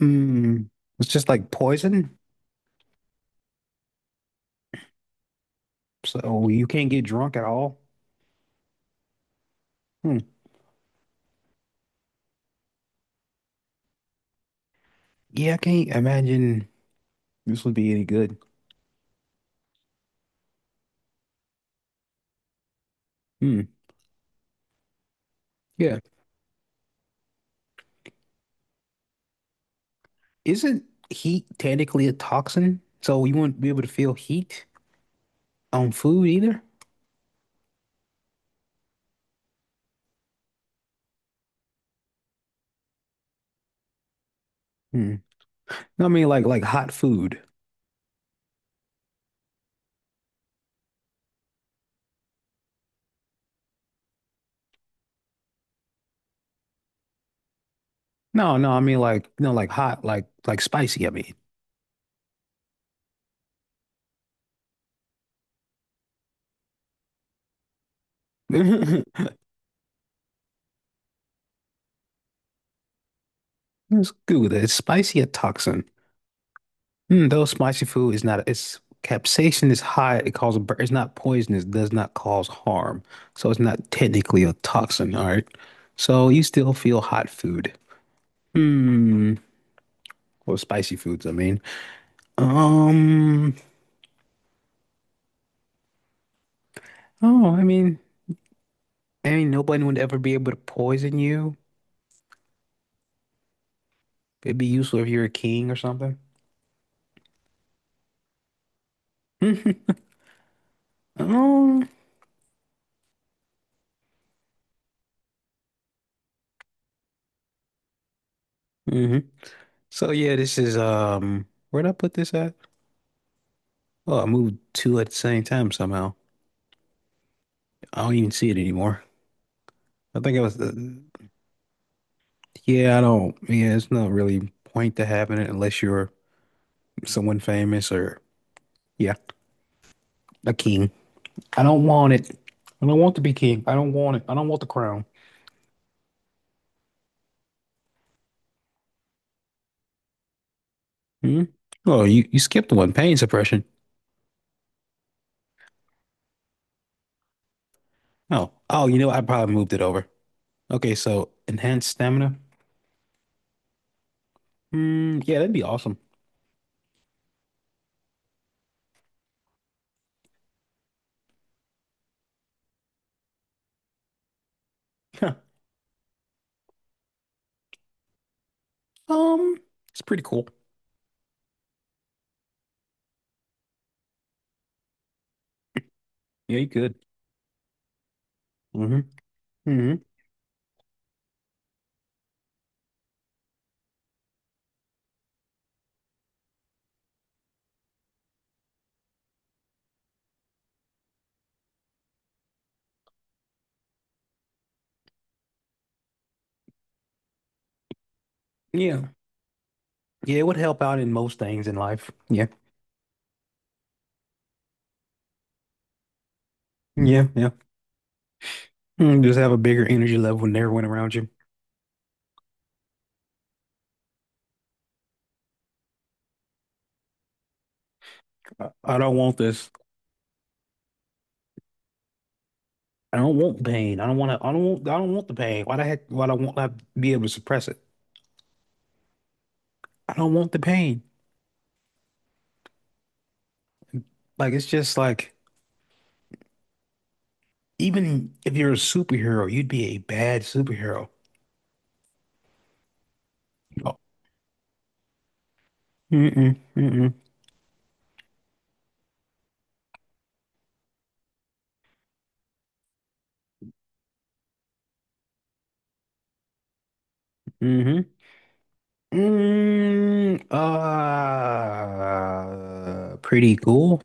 Mm, it's just like poison, so you can't get drunk at all. Hmm. Yeah, I can't imagine this would be any good. Hmm. Yeah. Isn't heat technically a toxin? So you wouldn't be able to feel heat on food either? Hmm. No, I mean like hot food. No, no, I mean like no, like hot, like spicy, I mean. It's good. Is spicy a toxin? Mm, though spicy food is not, it's capsaicin is high. It causes, it's not poisonous, does not cause harm. So it's not technically a toxin. All right. So you still feel hot food. Hmm. Or spicy foods, I mean. Um, oh, I mean, nobody would ever be able to poison you. It'd be useful if you're a king or something. Um, hmm So yeah, this is, where'd I put this at? Oh, I moved two at the same time somehow. I don't even see it anymore. I think it was, yeah, I don't, yeah, it's not really point to having it unless you're someone famous or, yeah, a king. I don't want it. I don't want to be king. I don't want it. I don't want the crown. Hmm? Oh, you skipped one, pain suppression. Oh, oh, you know, I probably moved it over. Okay, so enhanced stamina. Hmm, yeah, that'd be awesome. Huh. Um, it's pretty cool. Yeah, you could. Mm-hmm. Mm-hmm. Yeah. Yeah, it would help out in most things in life. Yeah. Yeah. Yeah. Mm, just have a bigger energy level than everyone around you. I don't want this. I don't want pain. I don't want to. I don't want. I don't want the pain. Why the heck? Why do I want not be able to suppress it? I don't want the pain. Like it's just like even if you're a superhero, you'd be a bad superhero. Oh. Mm-mm, mm-mm, mm-hmm. Mm, pretty cool.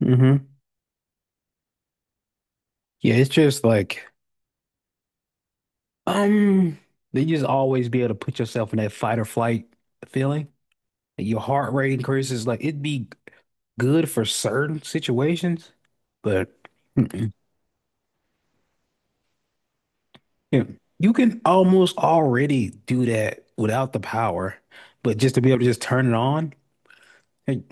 Hmm. Yeah, it's just like um, they just always be able to put yourself in that fight or flight feeling. Your heart rate increases. Like it'd be good for certain situations, but mm-mm. Yeah. You can almost already do that without the power, but just to be able to just turn it on. Like,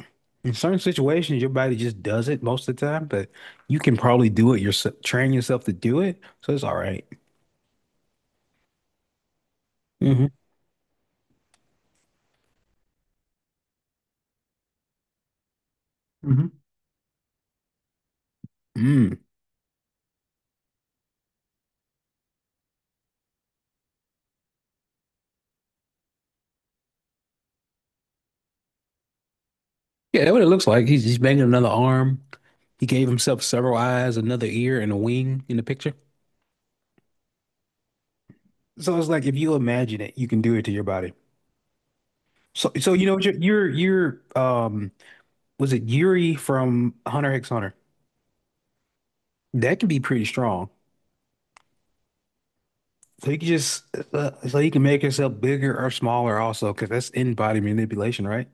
in certain situations, your body just does it most of the time, but you can probably do it yourself, train yourself to do it, so it's all right. Mm-hmm. Mm-hmm. Mm. Yeah, that's what it looks like. He's banging another arm. He gave himself several eyes, another ear, and a wing in the picture. So it's like if you imagine it, you can do it to your body. So, so you know what your was it Yuri from Hunter x Hunter? That can be pretty strong. So you can just so you can make yourself bigger or smaller also because that's in-body manipulation, right?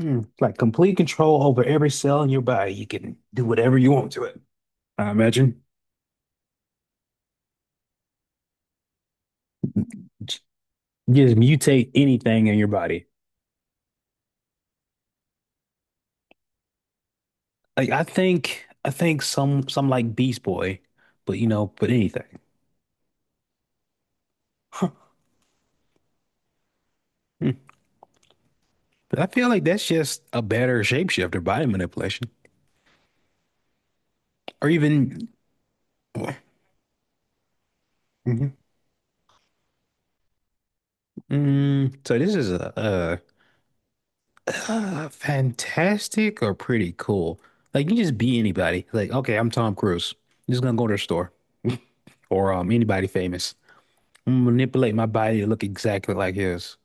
Mm, like complete control over every cell in your body. You can do whatever you want to it. I imagine. Just mutate anything in your body. Like I think some like Beast Boy, but you know, but anything. Huh. Hmm. But I feel like that's just a better shapeshifter body manipulation. Or even mm, so this is a, fantastic or pretty cool. Like you can just be anybody. Like, okay, I'm Tom Cruise. I'm just gonna go to the store or anybody famous. I'm gonna manipulate my body to look exactly like his.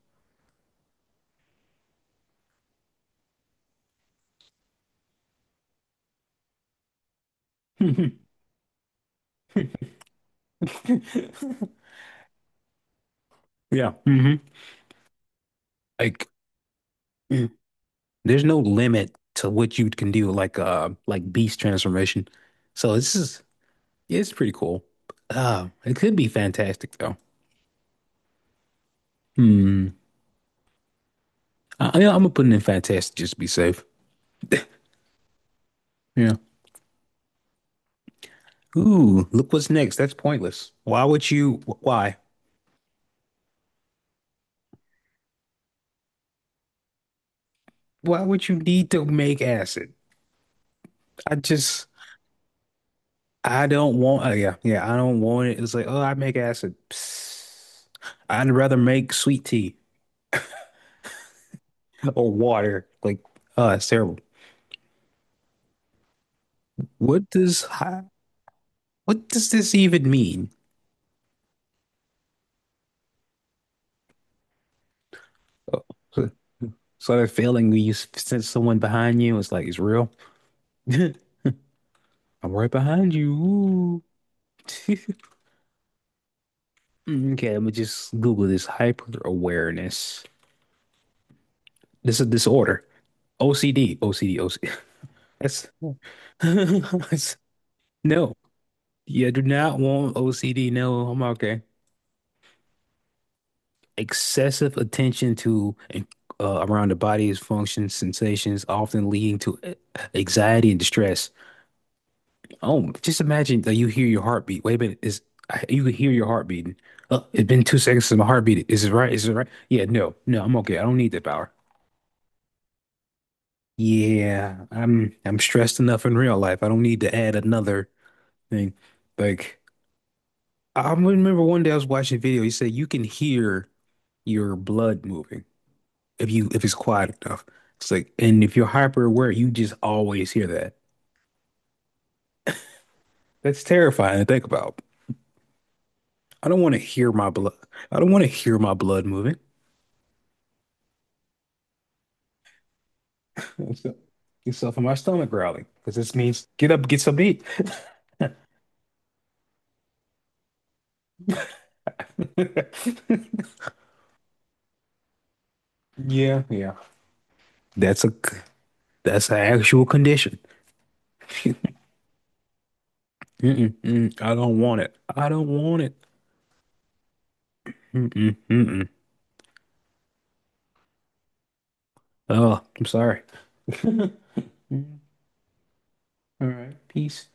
Yeah. Hmm. Like mm, there's no limit to what you can do, like beast transformation. So this is it's pretty cool. It could be fantastic though. Hmm. I'm gonna put it in fantastic just to be safe. Yeah. Ooh, look what's next. That's pointless. Why would you? Why? Why would you need to make acid? I just, I don't want. Yeah, I don't want it. It's like, oh, I make acid. Psst. I'd rather make sweet tea or water. Like, oh, it's terrible. What does what does this even mean? Oh, so, so that feeling when you sense someone behind you, it's like it's real. I'm right behind you. Ooh. Mm, okay, let me just Google this hyper awareness. This is a disorder. OCD, OCD, OCD. That's, that's- no, you do not want OCD. No, I'm okay. Excessive attention to and, around the body's functions, sensations, often leading to anxiety and distress. Oh, just imagine that you hear your heartbeat. Wait a minute, is you can hear your heart beating. It's been 2 seconds since my heart beat. Is it right? Is it right? Yeah, no, no, I'm okay. I don't need that power. Yeah, I'm stressed enough in real life. I don't need to add another thing. Like I remember one day I was watching a video. He said you can hear your blood moving if it's quiet enough. It's like and if you're hyper aware, you just always hear that. That's terrifying to think about. I don't want to hear my blood. I don't want to hear my blood moving. What's up? Get yourself in my stomach growling because this means get up, get some meat. Yeah, yeah. That's a that's an actual condition. Mm-mm, mm, I don't want it. I don't want it. Mm-mm, mm-mm. Oh, I'm sorry. Mm, all right, peace.